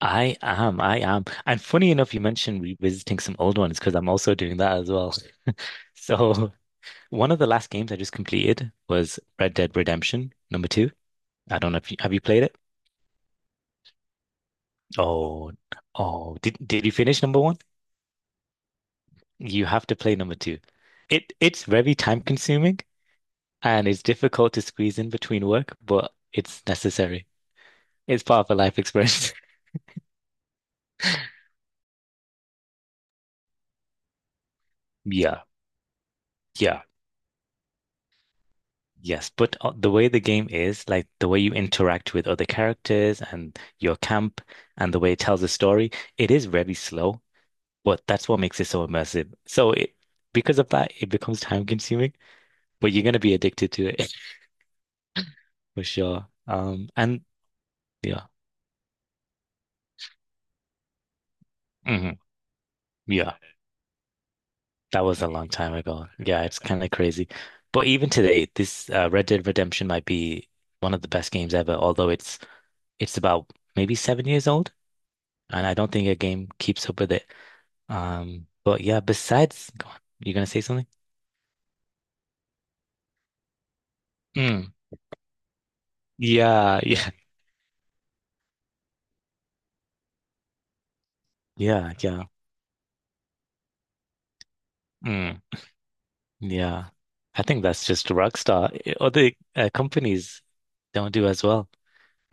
I am. I am. And funny enough, you mentioned revisiting some old ones because I'm also doing that as well. So one of the last games I just completed was Red Dead Redemption number two. I don't know, if you have you played it? Oh, oh, did you finish number one? You have to play number two. It's very time consuming and it's difficult to squeeze in between work, but it's necessary. It's part of a life experience. Yeah. Yeah. Yes, but the way the game is, like the way you interact with other characters and your camp and the way it tells a story, it is very slow, but that's what makes it so immersive. Because of that, it becomes time consuming, but you're going to be addicted to it for sure. And yeah, hmm yeah, that was a long time ago. Yeah, it's kind of crazy. But even today, this Red Dead Redemption might be one of the best games ever, although it's about maybe 7 years old, and I don't think a game keeps up with it. But yeah, besides, go on. You gonna say something? Mm. Yeah, yeah, yeah, yeah. Mm. Yeah. I think that's just Rockstar. Other companies don't do as well.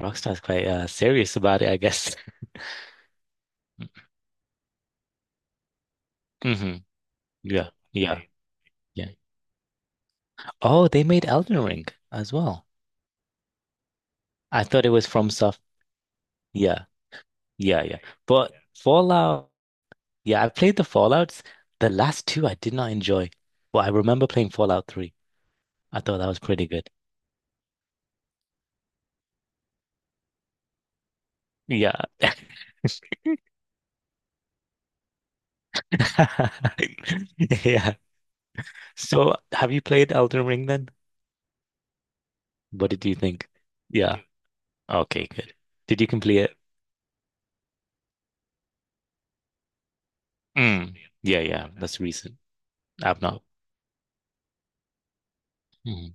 Rockstar's quite serious about it, I guess. Hmm. Yeah, yeah, right, yeah. Oh, they made Elden Ring as well. I thought it was from Soft. Yeah, yeah, yeah. But yeah. Fallout, yeah, I played the Fallouts. The last two I did not enjoy, but I remember playing Fallout 3. I thought that was pretty good. Yeah. Yeah. So have you played Elden Ring then? What did you think? Yeah. Okay, good. Did you complete it? Mm. Yeah, yeah. That's recent. I've not. Mm.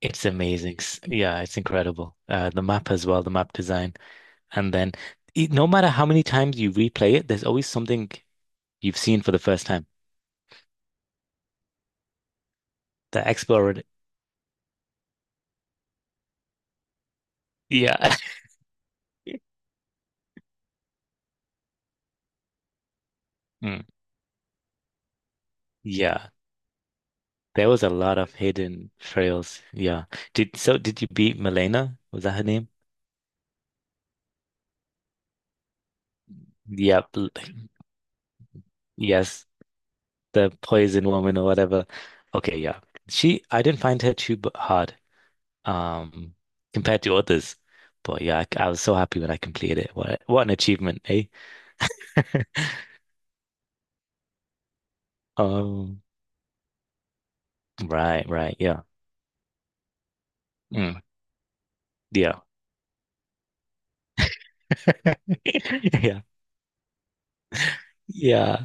It's amazing. Yeah, it's incredible. The map as well, the map design. And then no matter how many times you replay it, there's always something you've seen for the first time. The explorer. Yeah. Mm. Yeah. There was a lot of hidden trails. Yeah. Did so did you beat Milena? Was that her name? Yep. Yes. The poison woman or whatever. Okay, yeah. She, I didn't find her too hard, um, compared to others. But yeah, I was so happy when I completed it. What an achievement, eh? Um, right, right, yeah. Mm, yeah. Yeah. Yeah.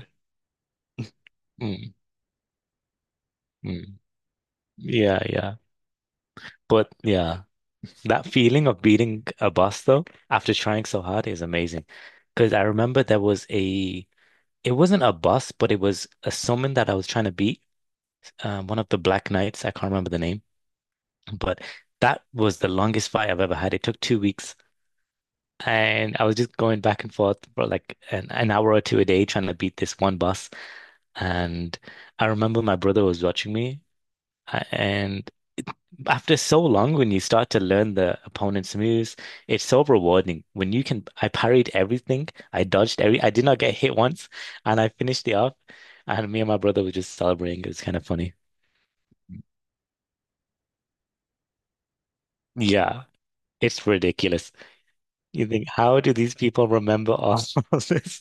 Mm, mm. Yeah, yeah. But yeah, that feeling of beating a boss though, after trying so hard is amazing. Because I remember, there was a It wasn't a boss, but it was a summon that I was trying to beat. One of the Black Knights, I can't remember the name, but that was the longest fight I've ever had. It took 2 weeks, and I was just going back and forth for like an hour or two a day trying to beat this one boss. And I remember my brother was watching me, and after so long, when you start to learn the opponent's moves, it's so rewarding. I parried everything, I dodged every, I did not get hit once, and I finished it off. And me and my brother were just celebrating. It was kind of funny. Yeah, it's ridiculous. You think, how do these people remember all of this?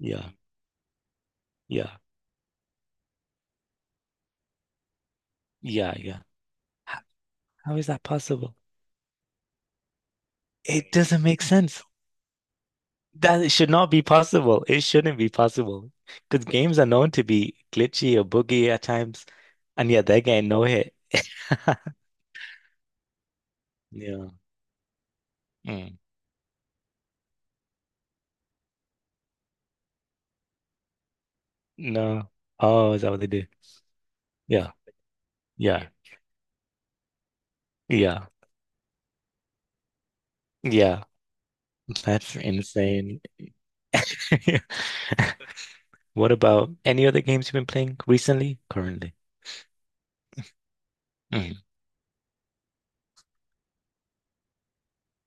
Yeah, yeah, yeah, yeah. How, how is that possible? It doesn't make sense. That it should not be possible. It shouldn't be possible. Because games are known to be glitchy or buggy at times. And yet they're getting no hit. Yeah. Mm. No. Oh, is that what they do? Yeah. Yeah. Yeah. Yeah. That's insane. What about any other games you've been playing recently? Currently? Hmm.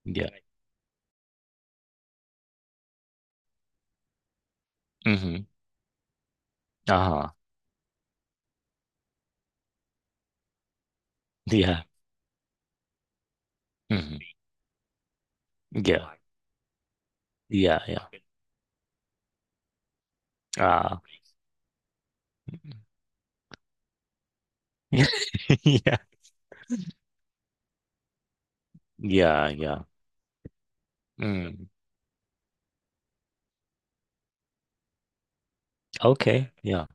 Yeah. Hmm. Uh-huh. Yeah. Hmm. Yeah. Yeah. Yeah. Ah. Yeah. Yeah. Yeah. Mm. Okay, yeah.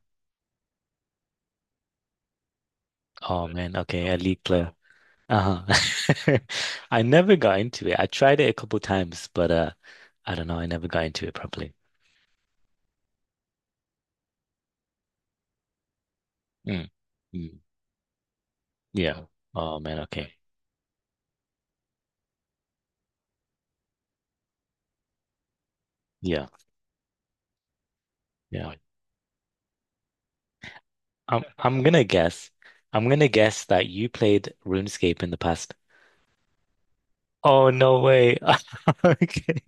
Oh man, okay, elite player. Uh-huh. I never got into it. I tried it a couple times, but I don't know, I never got into it properly. Mm. Mm. Yeah. Oh man, okay. Yeah. Yeah. I'm gonna guess. I'm gonna guess that you played RuneScape in the past. Oh no way. Okay.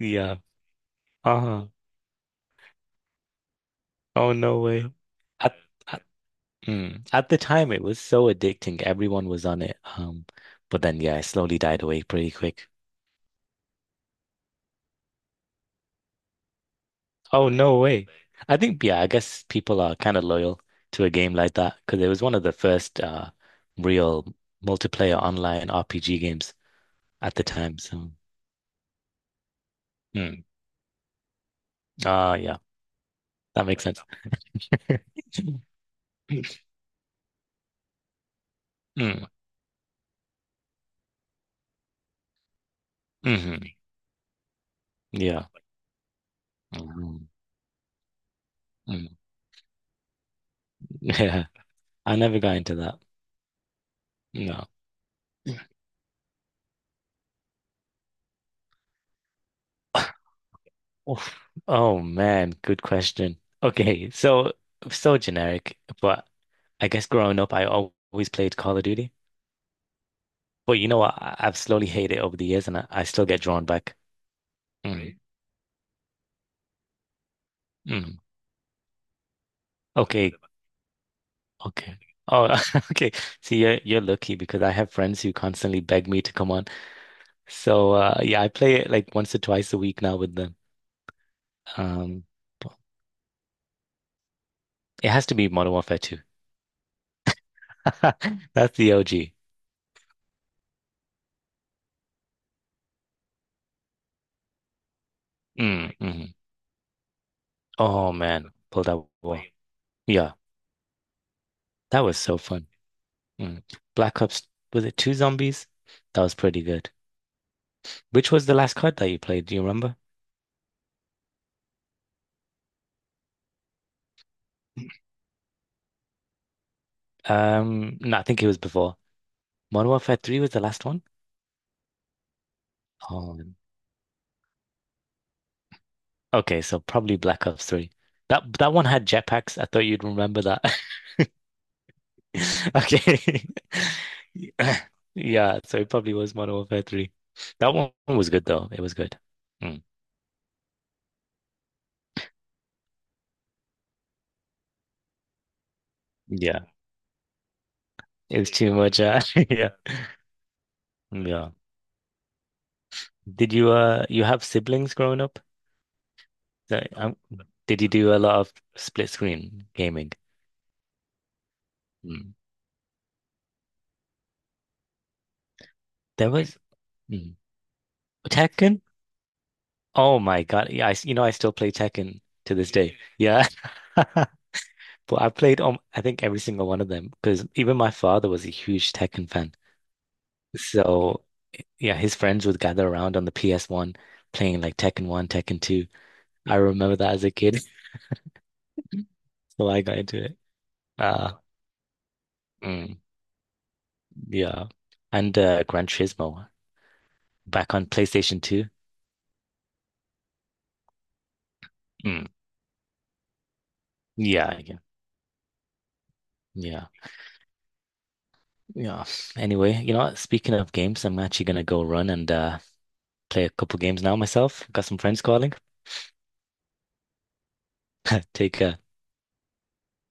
Yeah. Uh-huh. Oh no way. I, I Mm. At the time, it was so addicting. Everyone was on it. But then, yeah, it slowly died away pretty quick. Oh, no way. I think, yeah, I guess people are kind of loyal to a game like that because it was one of the first real multiplayer online RPG games at the time. So, mm. Ah, yeah, that makes sense. Mm. Hmm. Yeah. Mhm. Mm. Yeah. I never got into that. No. Oof. Oh man, good question. Okay, so generic, but I guess growing up, I always played Call of Duty. But you know what? I've slowly hated it over the years, and I still get drawn back. Mm, right? Mm. Okay, okay. Oh, okay. See, you're lucky because I have friends who constantly beg me to come on. So yeah, I play it like once or twice a week now with them. Um, but it has to be Modern Warfare 2. That's the OG. Mm, right. Mm. Mm-hmm. Oh man, pull that Play wall. Yeah. That was so fun. Mm. Black Ops, was it two zombies? That was pretty good. Which was the last card that you played? Do you remember? No, I think it was before. Modern Warfare 3 was the last one? Oh, okay, so probably Black Ops 3. That one had jetpacks. I thought you'd remember that. Okay. Yeah, so it probably was Modern Warfare 3. That one was good though. It was good. Mm. Yeah. It was too much. Yeah. Yeah. Did you have siblings growing up? So, did you do a lot of split screen gaming? Mm. There was mm. Tekken. Oh my God! Yeah, I s you know I still play Tekken to this day. Yeah, but I played, I think every single one of them because even my father was a huge Tekken fan. So yeah, his friends would gather around on the PS1 playing like Tekken 1, Tekken 2. I remember that as a kid, so I got into it. Uh, mm, yeah, and Gran Turismo back on PlayStation 2. Mm. Yeah, yeah, yeah, yeah. Anyway, you know what? Speaking of games, I'm actually gonna go run and play a couple games now myself. Got some friends calling. Take care.